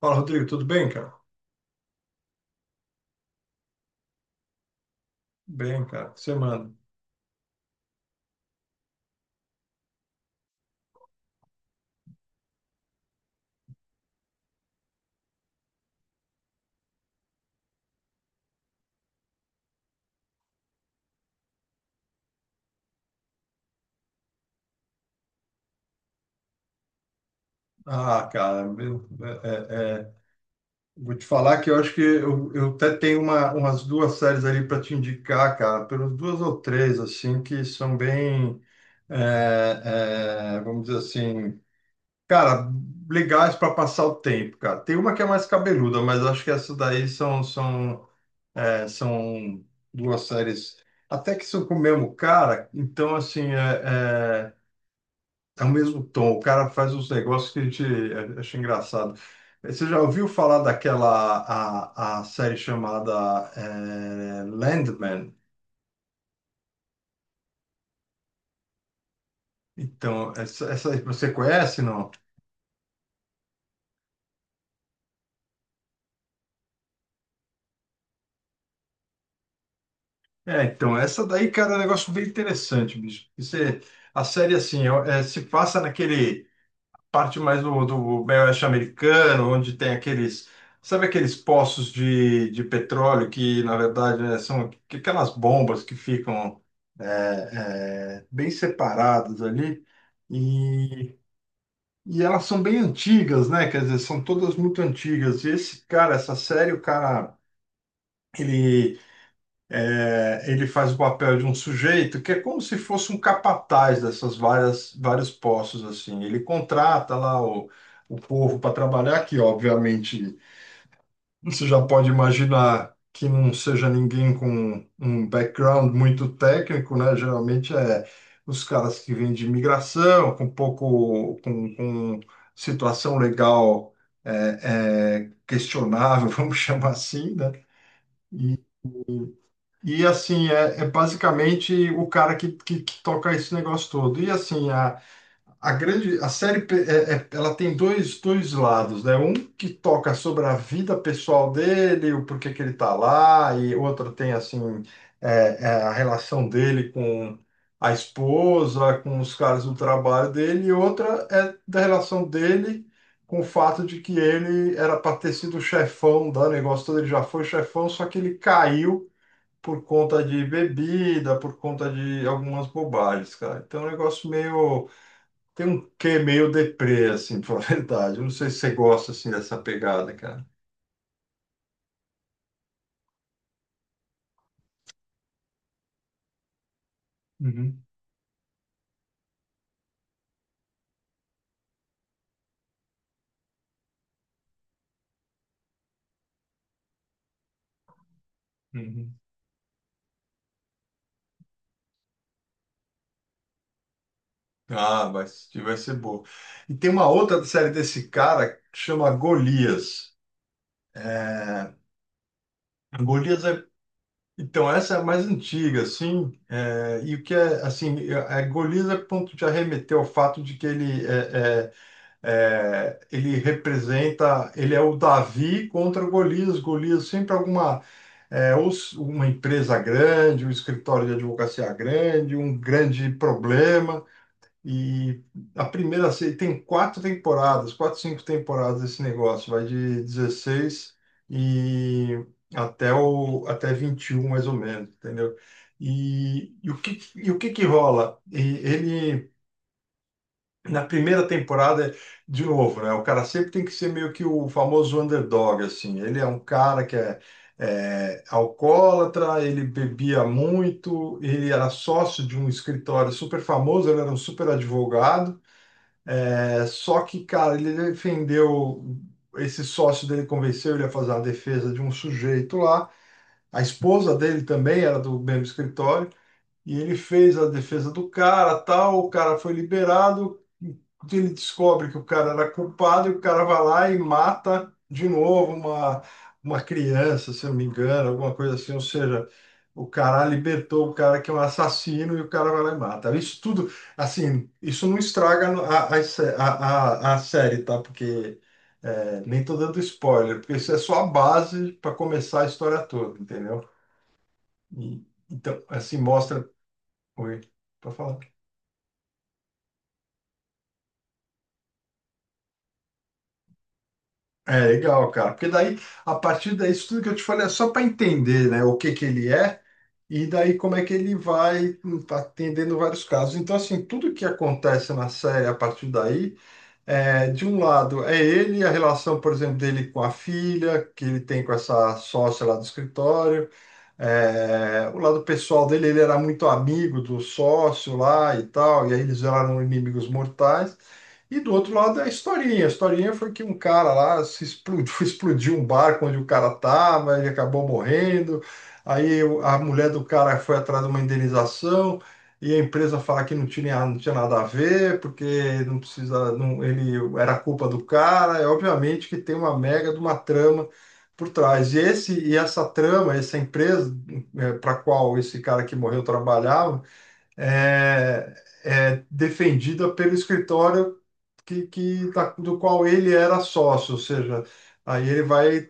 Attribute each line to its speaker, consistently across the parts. Speaker 1: Fala, Rodrigo, tudo bem, cara? Bem, cara, o que você manda? Ah, cara, vou te falar que eu acho que eu até tenho umas duas séries ali para te indicar, cara, pelas duas ou três, assim, que são bem, vamos dizer assim, cara, legais para passar o tempo, cara. Tem uma que é mais cabeluda, mas acho que essas daí são duas séries até que são com o mesmo cara, então, assim, é, é o mesmo tom, o cara faz uns negócios que a gente acha engraçado. Você já ouviu falar daquela a série chamada Landman? Então, essa aí você conhece, não? É, então, essa daí, cara, é um negócio bem interessante, bicho. A série, assim, ó, se passa naquele parte mais do meio oeste americano, onde tem sabe aqueles poços de petróleo que, na verdade, né, são aquelas bombas que ficam bem separadas ali e, e elas são bem antigas, né? Quer dizer, são todas muito antigas. E esse cara, essa série, o cara, ele ele faz o papel de um sujeito que é como se fosse um capataz dessas várias vários postos assim. Ele contrata lá o povo para trabalhar, que obviamente você já pode imaginar que não seja ninguém com um background muito técnico, né? Geralmente é os caras que vêm de imigração, com pouco com situação legal questionável, vamos chamar assim, né? E e assim, basicamente o cara que toca esse negócio todo. E assim, a série, ela tem dois lados, né? Um que toca sobre a vida pessoal dele, o porquê que ele tá lá, e outro tem, assim, a relação dele com a esposa, com os caras do trabalho dele, e outra é da relação dele com o fato de que ele era para ter sido chefão do negócio todo, ele já foi chefão, só que ele caiu por conta de bebida, por conta de algumas bobagens, cara. Então é um negócio meio. Tem um quê meio deprê, assim, pra falar a verdade. Eu não sei se você gosta, assim, dessa pegada, cara. Uhum, uhum. Ah, vai, assistir, vai ser boa. E tem uma outra série desse cara que chama Golias. É, Golias é. Então, essa é a mais antiga, assim. E o que é, assim, Golias é ponto de arremeter ao fato de que é, ele representa, ele é o Davi contra o Golias. Golias sempre alguma, uma empresa grande, um escritório de advocacia grande, um grande problema. E a primeira se- tem quatro temporadas, quatro, cinco temporadas esse negócio, vai de 16 e até 21 mais ou menos, entendeu? E o que que rola? E ele na primeira temporada, de novo, né? O cara sempre tem que ser meio que o famoso underdog, assim. Ele é um cara que é alcoólatra, ele bebia muito, ele era sócio de um escritório super famoso, ele era um super advogado. É, só que, cara, ele defendeu, esse sócio dele convenceu ele a fazer a defesa de um sujeito lá. A esposa dele também era do mesmo escritório. E ele fez a defesa do cara, tal, o cara foi liberado, ele descobre que o cara era culpado e o cara vai lá e mata de novo uma criança, se eu não me engano, alguma coisa assim, ou seja, o cara libertou o cara que é um assassino e o cara vai lá e mata. Isso tudo, assim, isso não estraga a série, tá? Porque nem tô dando spoiler, porque isso é só a base para começar a história toda, entendeu? E, então, assim, mostra Oi, para falar. É legal, cara, porque daí, a partir daí, isso tudo que eu te falei é só para entender, né, o que que ele é e daí como é que ele vai atendendo vários casos. Então, assim, tudo que acontece na série a partir daí. É, de um lado é ele, a relação, por exemplo, dele com a filha, que ele tem com essa sócia lá do escritório. É, o lado pessoal dele, ele era muito amigo do sócio lá e tal, e aí eles viraram inimigos mortais. E do outro lado é a historinha. A historinha foi que um cara lá se explodiu, explodiu um barco onde o cara estava, ele acabou morrendo. Aí a mulher do cara foi atrás de uma indenização, e a empresa fala que não tinha nada a ver, porque não precisa, não, ele era culpa do cara. É obviamente que tem uma mega de uma trama por trás. E esse e essa trama, essa empresa para qual esse cara que morreu trabalhava, é, é defendida pelo escritório do qual ele era sócio, ou seja, aí ele vai,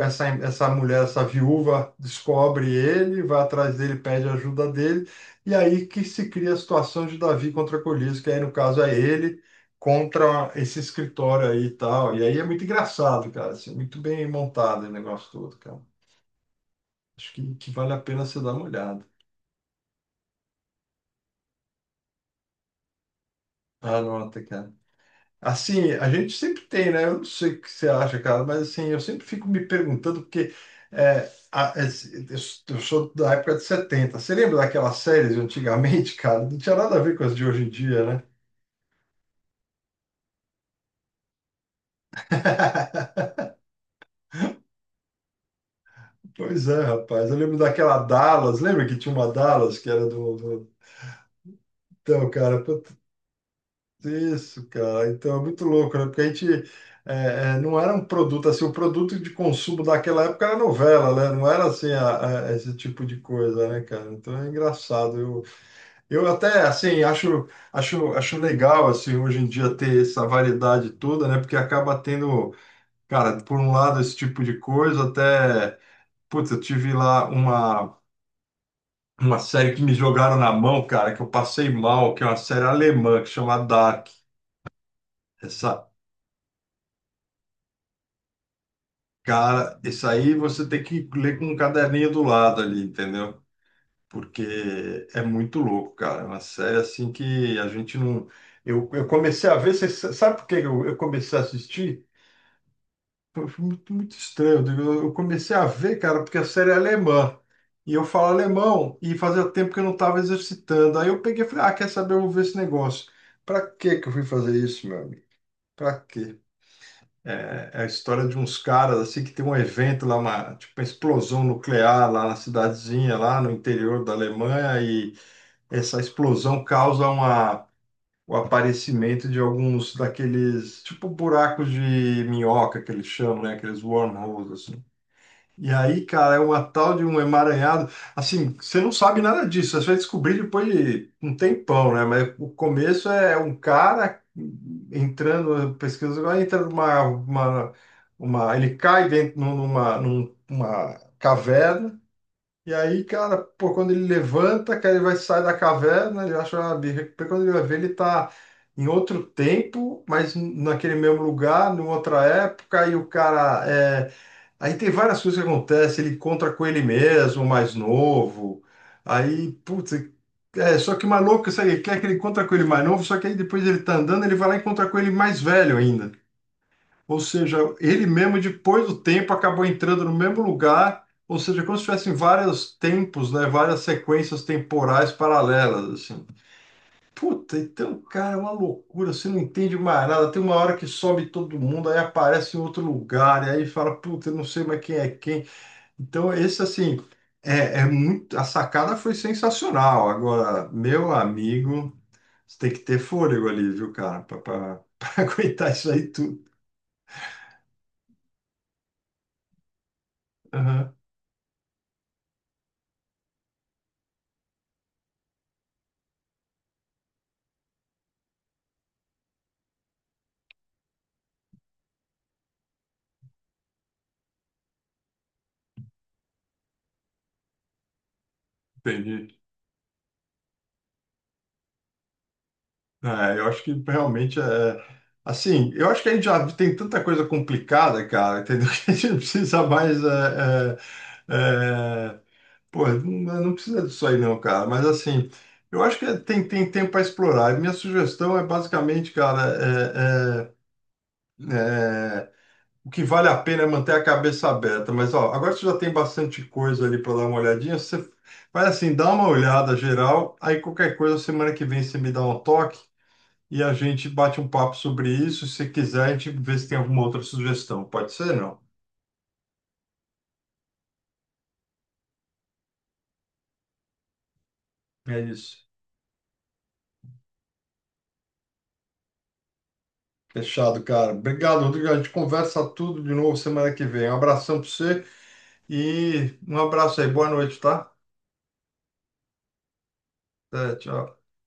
Speaker 1: essa mulher, essa viúva, descobre ele, vai atrás dele, pede ajuda dele, e aí que se cria a situação de Davi contra Golias, que aí no caso é ele contra esse escritório aí e tal. E aí é muito engraçado, cara, assim, muito bem montado o negócio todo, cara. Acho que vale a pena você dar uma olhada. Anota, cara. Assim, a gente sempre tem, né? Eu não sei o que você acha, cara, mas assim, eu sempre fico me perguntando, porque é, a- es- eu sou da época de 70. Você lembra daquelas séries de antigamente, cara? Não tinha nada a ver com as de hoje em dia, né? Pois é, rapaz. Eu lembro daquela Dallas, lembra que tinha uma Dallas que era do... do... Então, cara, isso, cara. Então é muito louco, né? Porque a gente não era um produto assim, o produto de consumo daquela época era novela, né? Não era assim esse tipo de coisa, né, cara? Então é engraçado. Eu até assim acho legal assim hoje em dia ter essa variedade toda, né? Porque acaba tendo, cara, por um lado esse tipo de coisa, até, putz, eu tive lá uma série que me jogaram na mão, cara, que eu passei mal, que é uma série alemã que chama Dark. Cara, isso aí você tem que ler com um caderninho do lado ali, entendeu? Porque é muito louco, cara. É uma série assim que a gente não. Eu comecei a ver, você sabe por que eu comecei a assistir? Foi muito, muito estranho. Eu comecei a ver, cara, porque a série é alemã. E eu falo alemão e fazia tempo que eu não estava exercitando. Aí eu peguei e falei, ah, quer saber? Eu vou ver esse negócio. Pra que que eu fui fazer isso, meu amigo? Pra quê? É a história de uns caras assim que tem um evento lá, tipo uma explosão nuclear lá na cidadezinha, lá no interior da Alemanha, e essa explosão causa o aparecimento de alguns daqueles, tipo buracos de minhoca que eles chamam, né? Aqueles wormholes, assim. E aí, cara, é uma tal de um emaranhado. Assim, você não sabe nada disso. Você vai descobrir depois de um tempão, né? Mas o começo é um cara entrando, pesquisa, vai entra ele cai dentro numa caverna. E aí, cara, pô, quando ele levanta, cara, ele vai sair da caverna, ele acha uma birra. Porque quando ele vai ver, ele tá em outro tempo, mas naquele mesmo lugar, numa outra época, e o cara é. Aí tem várias coisas que acontecem, ele encontra com ele mesmo, mais novo. Aí, putz, só que o maluco, sabe, quer que ele encontra com ele mais novo, só que aí depois ele tá andando, ele vai lá e encontra com ele mais velho ainda. Ou seja, ele mesmo, depois do tempo, acabou entrando no mesmo lugar, ou seja, é como se tivessem vários tempos, né, várias sequências temporais paralelas, assim. Puta, então, cara, é uma loucura, você não entende mais nada. Tem uma hora que sobe todo mundo, aí aparece em outro lugar, e aí fala, puta, eu não sei mais quem é quem. Então, esse assim, é muito. A sacada foi sensacional. Agora, meu amigo, você tem que ter fôlego ali, viu, cara, para aguentar isso aí tudo. Aham, entendi. É, eu acho que realmente é. Assim, eu acho que a gente já tem tanta coisa complicada, cara, entendeu? Que a gente não precisa mais. É, é, pô, não, não precisa disso aí, não, cara. Mas assim, eu acho que tem tempo para explorar. E minha sugestão é basicamente, cara, o que vale a pena é manter a cabeça aberta, mas ó, agora você já tem bastante coisa ali para dar uma olhadinha. Você vai assim, dá uma olhada geral, aí qualquer coisa, semana que vem você me dá um toque e a gente bate um papo sobre isso. Se quiser, a gente vê se tem alguma outra sugestão. Pode ser, não? É isso. Fechado, cara. Obrigado, Rodrigo. A gente conversa tudo de novo semana que vem. Um abração para você e um abraço aí. Boa noite, tá? Até, tchau.